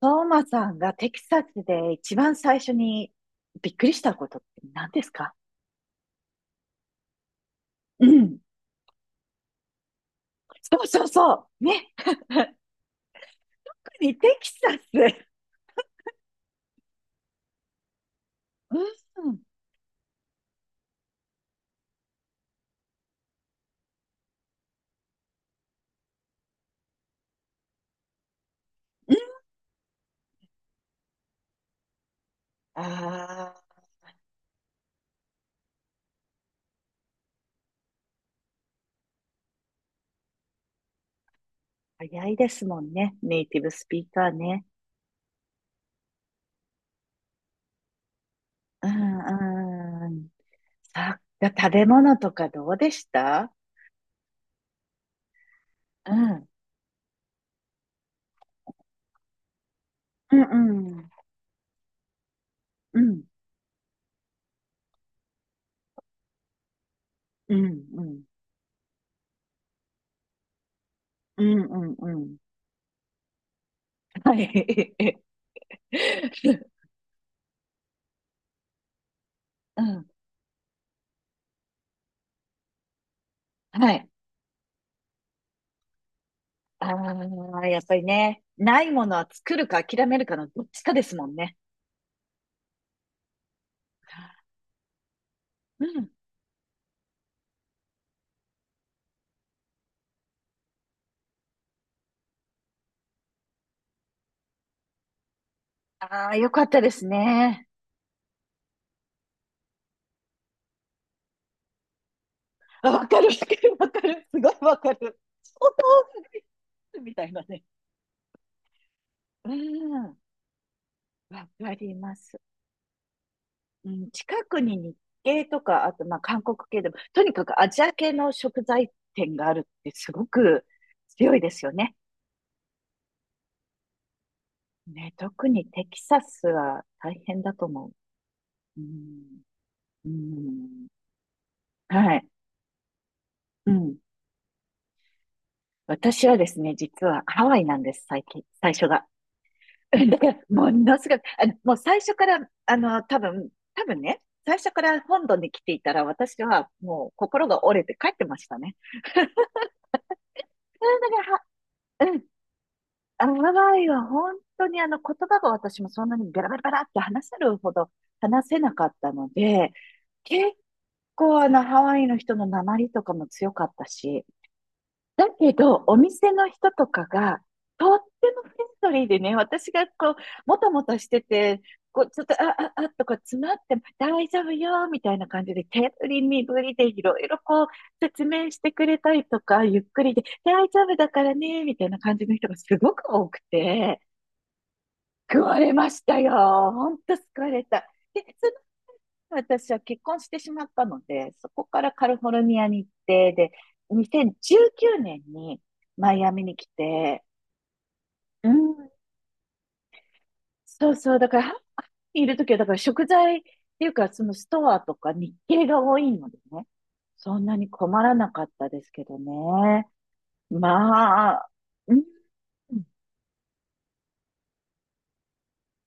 トーマさんがテキサスで一番最初にびっくりしたことって何ですか？うん。そうそうそう。ね。特にテキサス。うん。ああ、早いですもんね、ネイティブスピーカーね。うんうん。さ、食べ物とかどうでした？うん。うんうん。うん。うんうん。うんうんうん。はい。うん。はい。ああ、やっぱりね、ないものは作るか諦めるかのどっちかですもんね。うん。ああ、よかったですね。あ、わかる、わかる、わかる。すごいわかる。お豆腐がいつみたいなね。うん。わかります。うん、近くに日系とか、あとまあ韓国系でも、とにかくアジア系の食材店があるってすごく強いですよね。ね、特にテキサスは大変だと思う。うん。うん。はい。うん。私はですね、実はハワイなんです、最近、最初が。だから、ものすごく、もう最初から、多分、多分ね、最初から本土に来ていたら、私はもう心が折れて帰ってましたね。うん、だからは、うん、あのハワイは本当にあの言葉が私もそんなにベラベラベラって話せるほど話せなかったので、結構あのハワイの人の訛りとかも強かったし、だけど、お店の人とかが、とってもフレンドリーでね、私がこう、もたもたしてて、こう、ちょっと、あ、あ、あ、とか詰まっても、大丈夫よ、みたいな感じで、手振り身振りでいろいろこう、説明してくれたりとか、ゆっくりで、大丈夫だからね、みたいな感じの人がすごく多くて、救われましたよ。ほんと救われた。で、私は結婚してしまったので、そこからカリフォルニアに行って、で、2019年にマイアミに来て、うん。そうそう、だから、ハワイにいるときは、だから食材っていうか、そのストアとか日系が多いのでね、そんなに困らなかったですけどね。まあ、うん、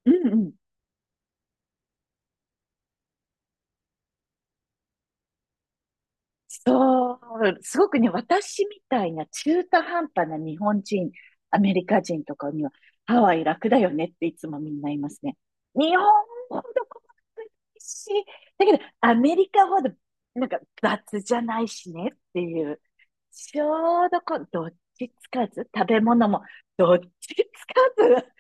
うん、うん。そう、すごくね、私みたいな中途半端な日本人、アメリカ人とかには、ハワイ楽だよねっていつもみんな言いますね。日本ほど細かくないし、だけどアメリカほどなんか雑じゃないしねっていう、ちょうどこう、どっちつかず、食べ物もどっちつかず、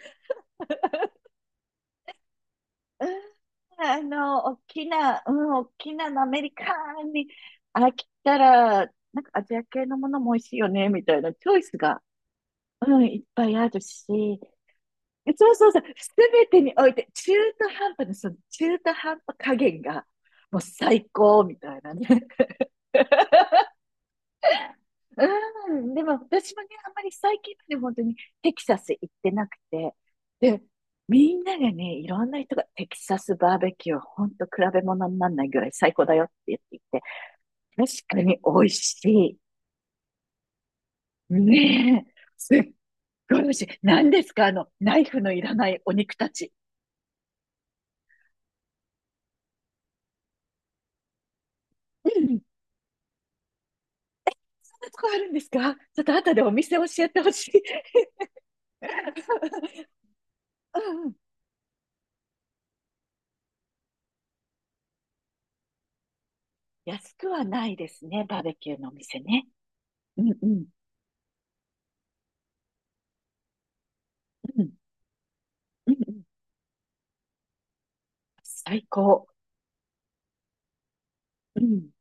うん、大きな、うん、大きなのアメリカンに飽きたら、なんかアジア系のものも美味しいよね、みたいなチョイスが、うん、いっぱいあるし、そうそうそう、すべてにおいて、中途半端な、その中途半端加減が、もう最高、みたいなね。うん、でも私もね、あんまり最近まで本当にテキサス行ってなくて、で、みんながね、いろんな人がテキサスバーベキューは本当比べ物にならないぐらい最高だよって言っていて、確かに美味しい。ねえ、すっごい美味しい。何ですかあの、ナイフのいらないお肉たち。うん、そんなとこあるんですか？ちょっと後でお店教えてほしい。うんうん、安くはないですね、バーベキューのお店ね。うんうん、うん、うんうん。最高。うん。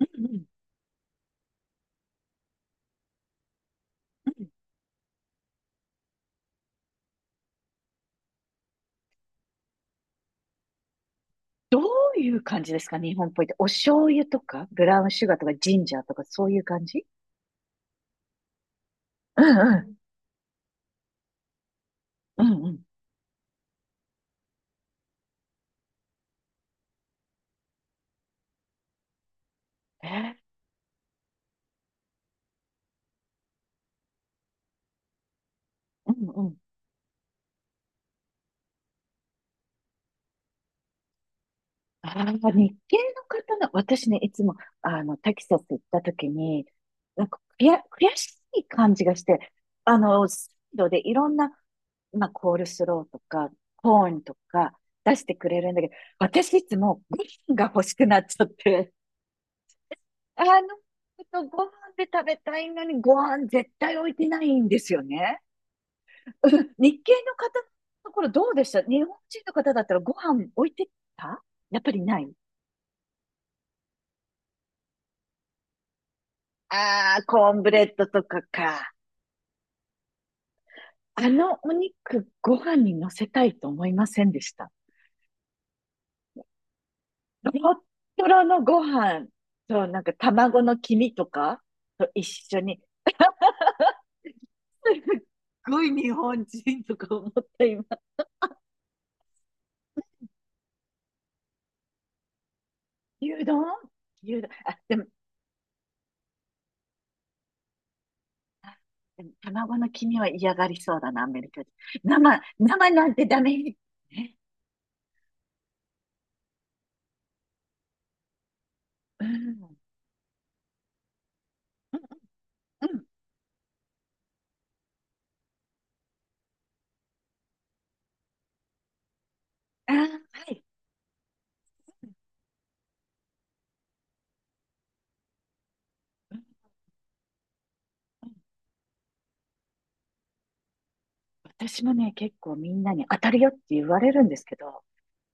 うんうんうん。どういう感じですか、日本っぽいって。お醤油とか、ブラウンシュガーとか、ジンジャーとか、そういう感じ？うんうん。うんうん。えー、うんうん。ああ、日系の方の、私ね、いつも、テキサス行った時に、なんか悔しい感じがして、サイドでいろんな、まあ、コールスローとか、コーンとか出してくれるんだけど、私いつもご飯が欲しくなっちゃって、あの、ちょっとご飯で食べたいのにご飯絶対置いてないんですよね。うん、日系の方のところどうでした？日本人の方だったらご飯置いてた？やっぱりない？ああー、コーンブレッドとかか。あのお肉ご飯に乗せたいと思いませんでした？トロトロのご飯となんか卵の黄身とかと一緒に。すっごい日本人とか思った今。牛丼牛丼。あ、でも卵の黄身は嫌がりそうだな、アメリカ人。生なんてダメ。ね。うん。うんうん。あー、はい。うん、私もね、結構みんなに当たるよって言われるんですけど、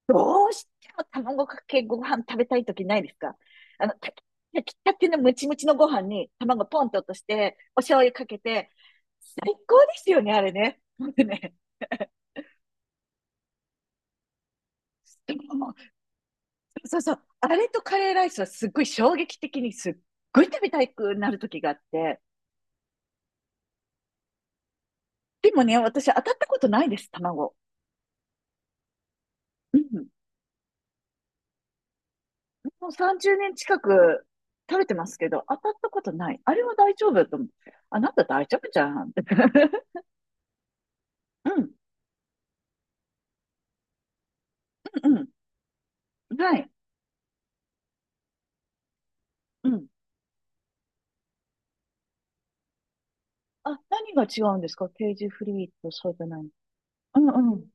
どうしても卵かけご飯食べたい時ないですか？あの、炊き炊きたてのムチムチのご飯に卵ポンと落として、お醤油かけて、最高ですよね、あれね。ほんとね、そうそう。あれとカレーライスはすっごい衝撃的にすっごい食べたくなる時があって。でもね、私当たったことないです、卵。うん。もう30年近く食べてますけど、当たったことない。あれは大丈夫と思う。あなた大丈夫じゃん。うん。うんうん。はい。うん。あ、何が違うんですか、ケージフリーとそうじゃない？うんうん。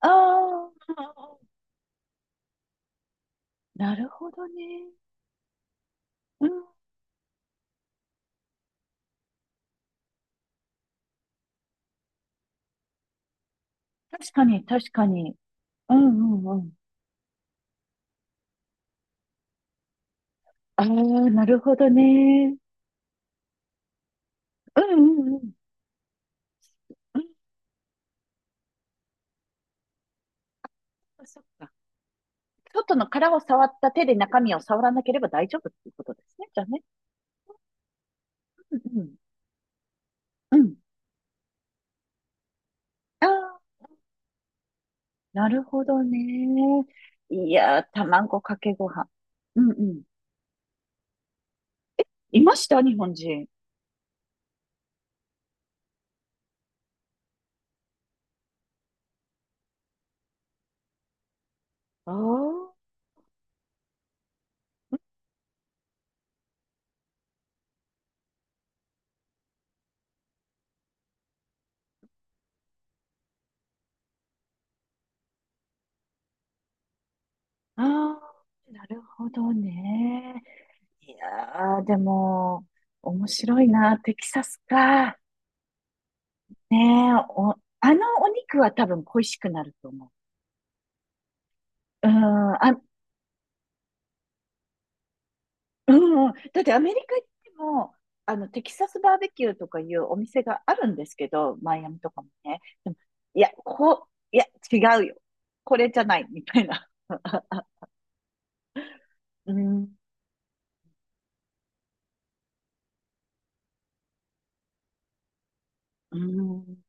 ああ、なるほどね。うん。確かに、確かに。うんうんうん。ああ、なるほどね。うんうんうん。うん、そっか。外の殻を触った手で中身を触らなければ大丈夫っていうことですね、じゃあね。うんうん。うん。ああ、なるほどね。いやー、卵かけご飯。うんうん。いました日本人。ああ、ああ、なるほどね。いやー、でも、面白いな。テキサスか。ねえ、お、あのお肉は多分恋しくなると思う。うん、あ、うんうん、だってアメリカ行っても、テキサスバーベキューとかいうお店があるんですけど、マイアミとかもね。でも、いや、こう、いや、違うよ。これじゃない、みたいな。うん。うん